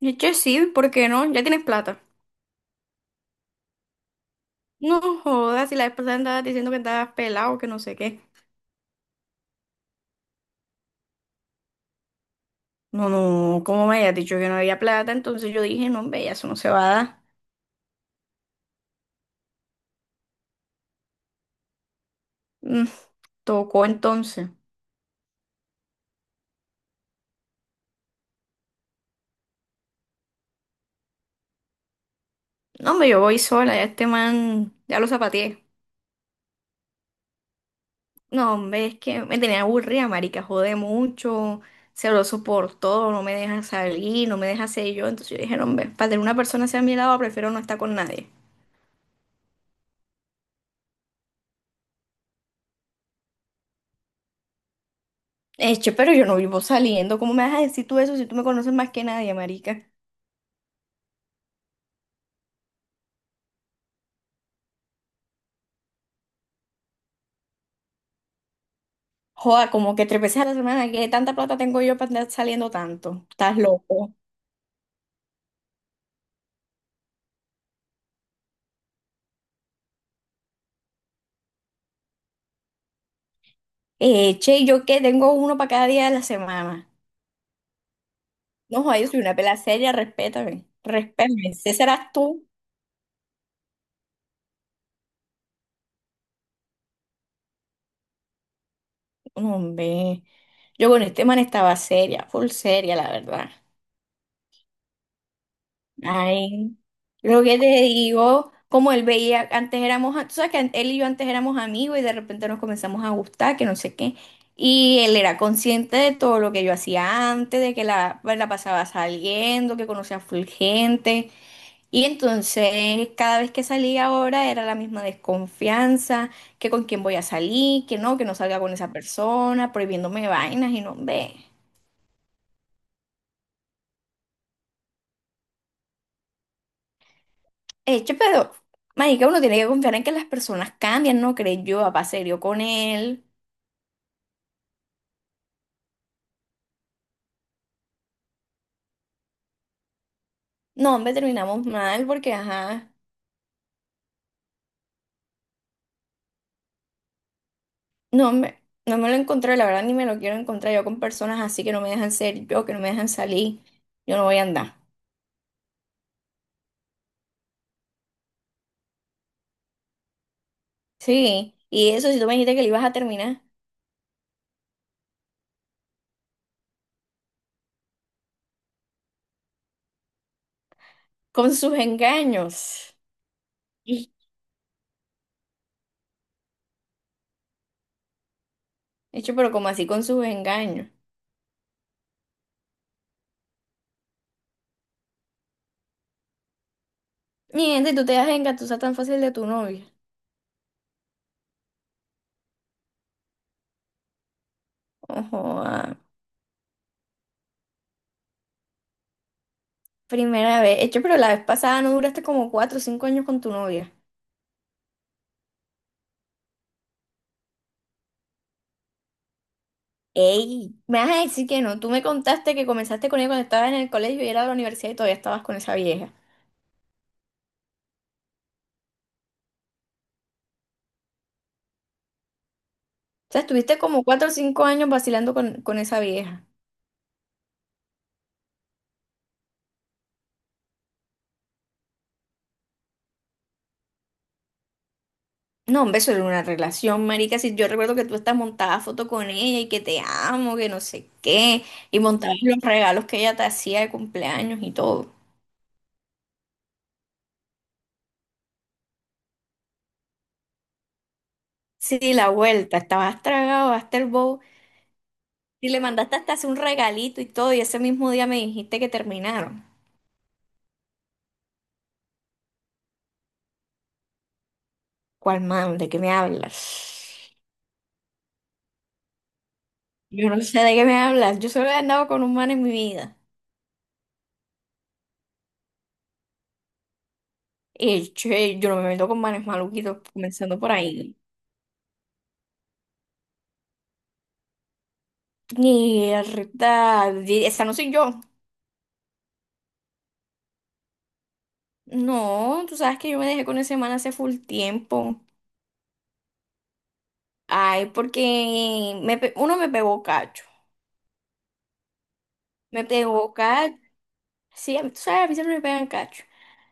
Eche sí, ¿por qué no? Ya tienes plata. No jodas, si la vez pasada andabas diciendo que estabas pelado, que no sé qué. No, no, como me habías dicho que no había plata, entonces yo dije, no, hombre, ya eso no se va a dar. Mm. Tocó entonces. No, hombre, yo voy sola, ya este man, ya lo zapateé. No, hombre, es que me tenía aburrida, marica, jode mucho, se lo soportó, no me deja salir, no me deja ser yo. Entonces yo dije, no, hombre, para tener una persona hacia mi lado, prefiero no estar con nadie. Eche, pero yo no vivo saliendo, ¿cómo me vas a decir tú eso si tú me conoces más que nadie, marica? Joda, como que tres veces a la semana, qué tanta plata tengo yo para andar saliendo tanto. Estás loco. Che, ¿yo qué? Tengo uno para cada día de la semana. No, joda, yo soy una pela seria, respétame. Respétame. Ese serás tú. No, hombre. Yo con este man estaba seria, full seria, la verdad. Ay, lo que te digo, como él veía, antes éramos, tú sabes que él y yo antes éramos amigos y de repente nos comenzamos a gustar, que no sé qué. Y él era consciente de todo lo que yo hacía antes, de que la, pues, la pasaba saliendo, que conocía full gente. Y entonces, cada vez que salía ahora era la misma desconfianza, que con quién voy a salir, que no salga con esa persona, prohibiéndome vainas y no, ve. Hecho, pero, marica, uno tiene que confiar en que las personas cambian, ¿no crees? Yo, papá serio con él. No, hombre, terminamos mal porque, ajá, no me lo encontré, la verdad, ni me lo quiero encontrar yo con personas así que no me dejan ser yo, que no me dejan salir. Yo no voy a andar. Sí, y eso, si tú me dijiste que le ibas a terminar con sus engaños. Y- Hecho, pero como así con sus engaños. Miente, tú te das engatusar tan fácil de tu novia. Ojo, ah, primera vez. Hecho, pero la vez pasada no duraste como 4 o 5 años con tu novia. Ey, me vas a decir que no. Tú me contaste que comenzaste con ella cuando estabas en el colegio y era de la universidad y todavía estabas con esa vieja. O sea, estuviste como 4 o 5 años vacilando con esa vieja. No, hombre, eso era una relación, marica. Si yo recuerdo que tú estás montada foto con ella y que te amo, que no sé qué, y montabas los regalos que ella te hacía de cumpleaños y todo. Sí, la vuelta, estabas tragado hasta el bowl y le mandaste hasta hacer un regalito y todo, y ese mismo día me dijiste que terminaron. ¿Cuál man? ¿De qué me hablas? Yo no sé de qué me hablas. Yo solo he andado con un man en mi vida. Yo no me meto con manes maluquitos, comenzando por ahí. Mierda, esa no soy yo. No, tú sabes que yo me dejé con ese man hace full tiempo. Ay, porque uno me pegó cacho. Me pegó cacho. Sí, tú sabes, a mí siempre me pegan cacho.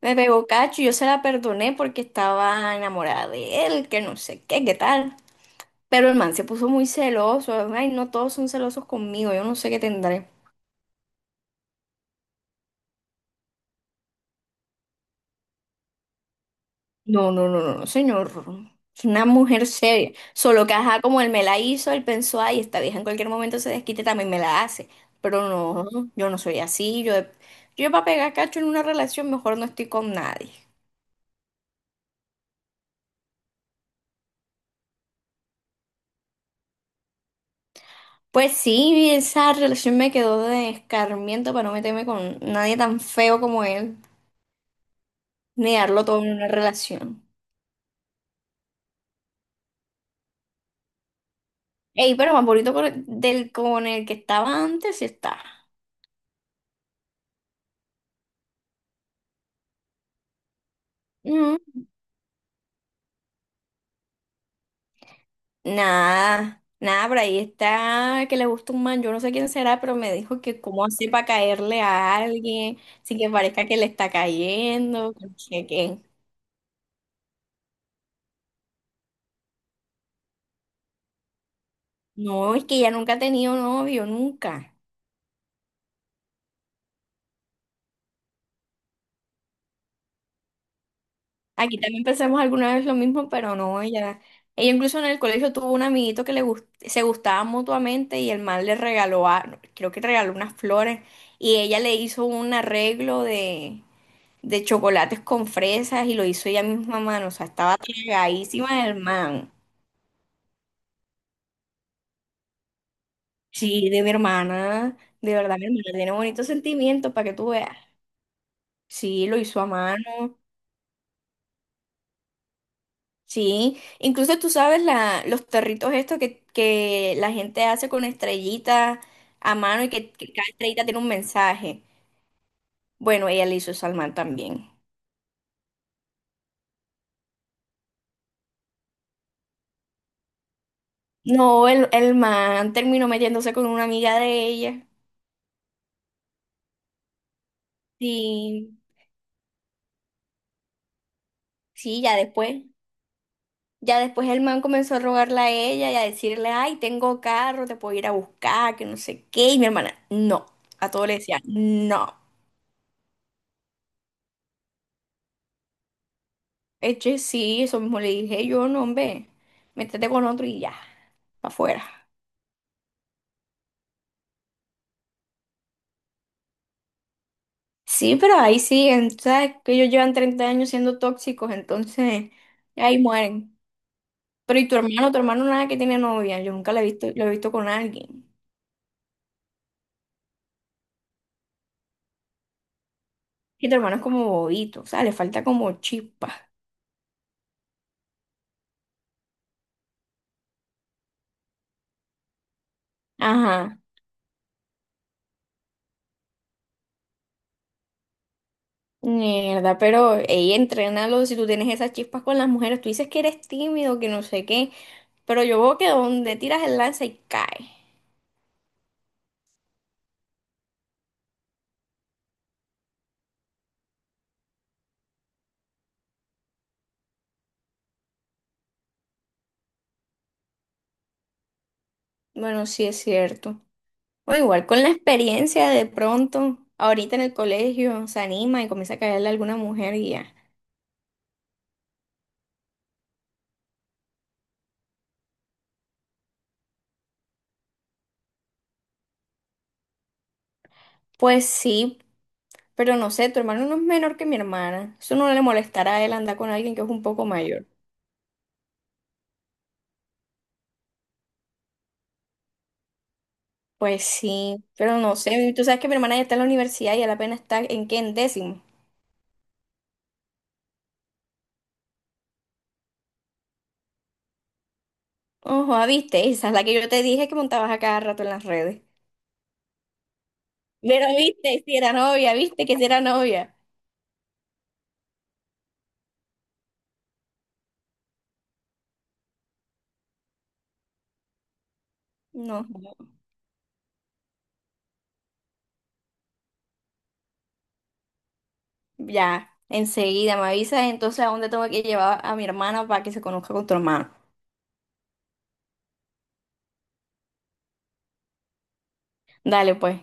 Me pegó cacho y yo se la perdoné porque estaba enamorada de él, que no sé qué, qué tal. Pero el man se puso muy celoso. Ay, no todos son celosos conmigo. Yo no sé qué tendré. No, no, no, no, no, señor. Es una mujer seria. Solo que, ajá, como él me la hizo, él pensó, ay, esta vieja en cualquier momento se desquite, también me la hace. Pero no, yo no soy así. Yo para pegar cacho en una relación, mejor no estoy con nadie. Pues sí, esa relación me quedó de escarmiento para no meterme con nadie tan feo como él, ni darlo todo en una relación. Ey, pero más bonito con el que estaba antes sí está. Mm, nada, nada, por ahí está que le gusta un man, yo no sé quién será, pero me dijo que cómo hace para caerle a alguien sin que parezca que le está cayendo, que no sé qué. No, es que ella nunca ha tenido novio, nunca. Aquí también pensamos alguna vez lo mismo, pero no, ella incluso en el colegio tuvo un amiguito que se gustaban mutuamente y el man le regaló, creo que regaló unas flores y ella le hizo un arreglo de chocolates con fresas y lo hizo ella misma a mano. O sea, estaba tragadísima el man. Sí, de mi hermana. De verdad, mi hermana tiene bonitos sentimientos para que tú veas. Sí, lo hizo a mano. Sí, incluso tú sabes la, los territos estos que la gente hace con estrellitas a mano y que cada estrellita tiene un mensaje. Bueno, ella le hizo eso al man también. No, el man terminó metiéndose con una amiga de ella. Sí, sí, ya después. Ya después el man comenzó a rogarle a ella y a decirle, ay, tengo carro, te puedo ir a buscar, que no sé qué. Y mi hermana, no. A todo le decía, no. Eche, sí, eso mismo le dije yo, no, hombre, métete con otro y ya, para afuera. Sí, pero ahí siguen, ¿sabes? Que ellos llevan 30 años siendo tóxicos, entonces ahí mueren. Pero ¿y tu hermano? Tu hermano nada que tiene novia, yo nunca lo he visto, lo he visto con alguien. Y tu hermano es como bobito, o sea, le falta como chispa. Ajá. Mierda, pero ella entrénalo, si tú tienes esas chispas con las mujeres, tú dices que eres tímido, que no sé qué, pero yo veo que donde tiras el lance y cae. Bueno, sí es cierto. O igual con la experiencia de pronto, ahorita en el colegio se anima y comienza a caerle a alguna mujer y ya. Pues sí, pero no sé, tu hermano no es menor que mi hermana. Eso no le molestará a él andar con alguien que es un poco mayor. Pues sí, pero no sé, tú sabes que mi hermana ya está en la universidad y él apenas está en qué, en décimo. Ojo, ah, viste, esa es la que yo te dije que montabas a cada rato en las redes. Pero viste, si era novia, viste que si era novia. No, ya, enseguida me avisas entonces a dónde tengo que llevar a mi hermana para que se conozca con tu hermano. Dale, pues.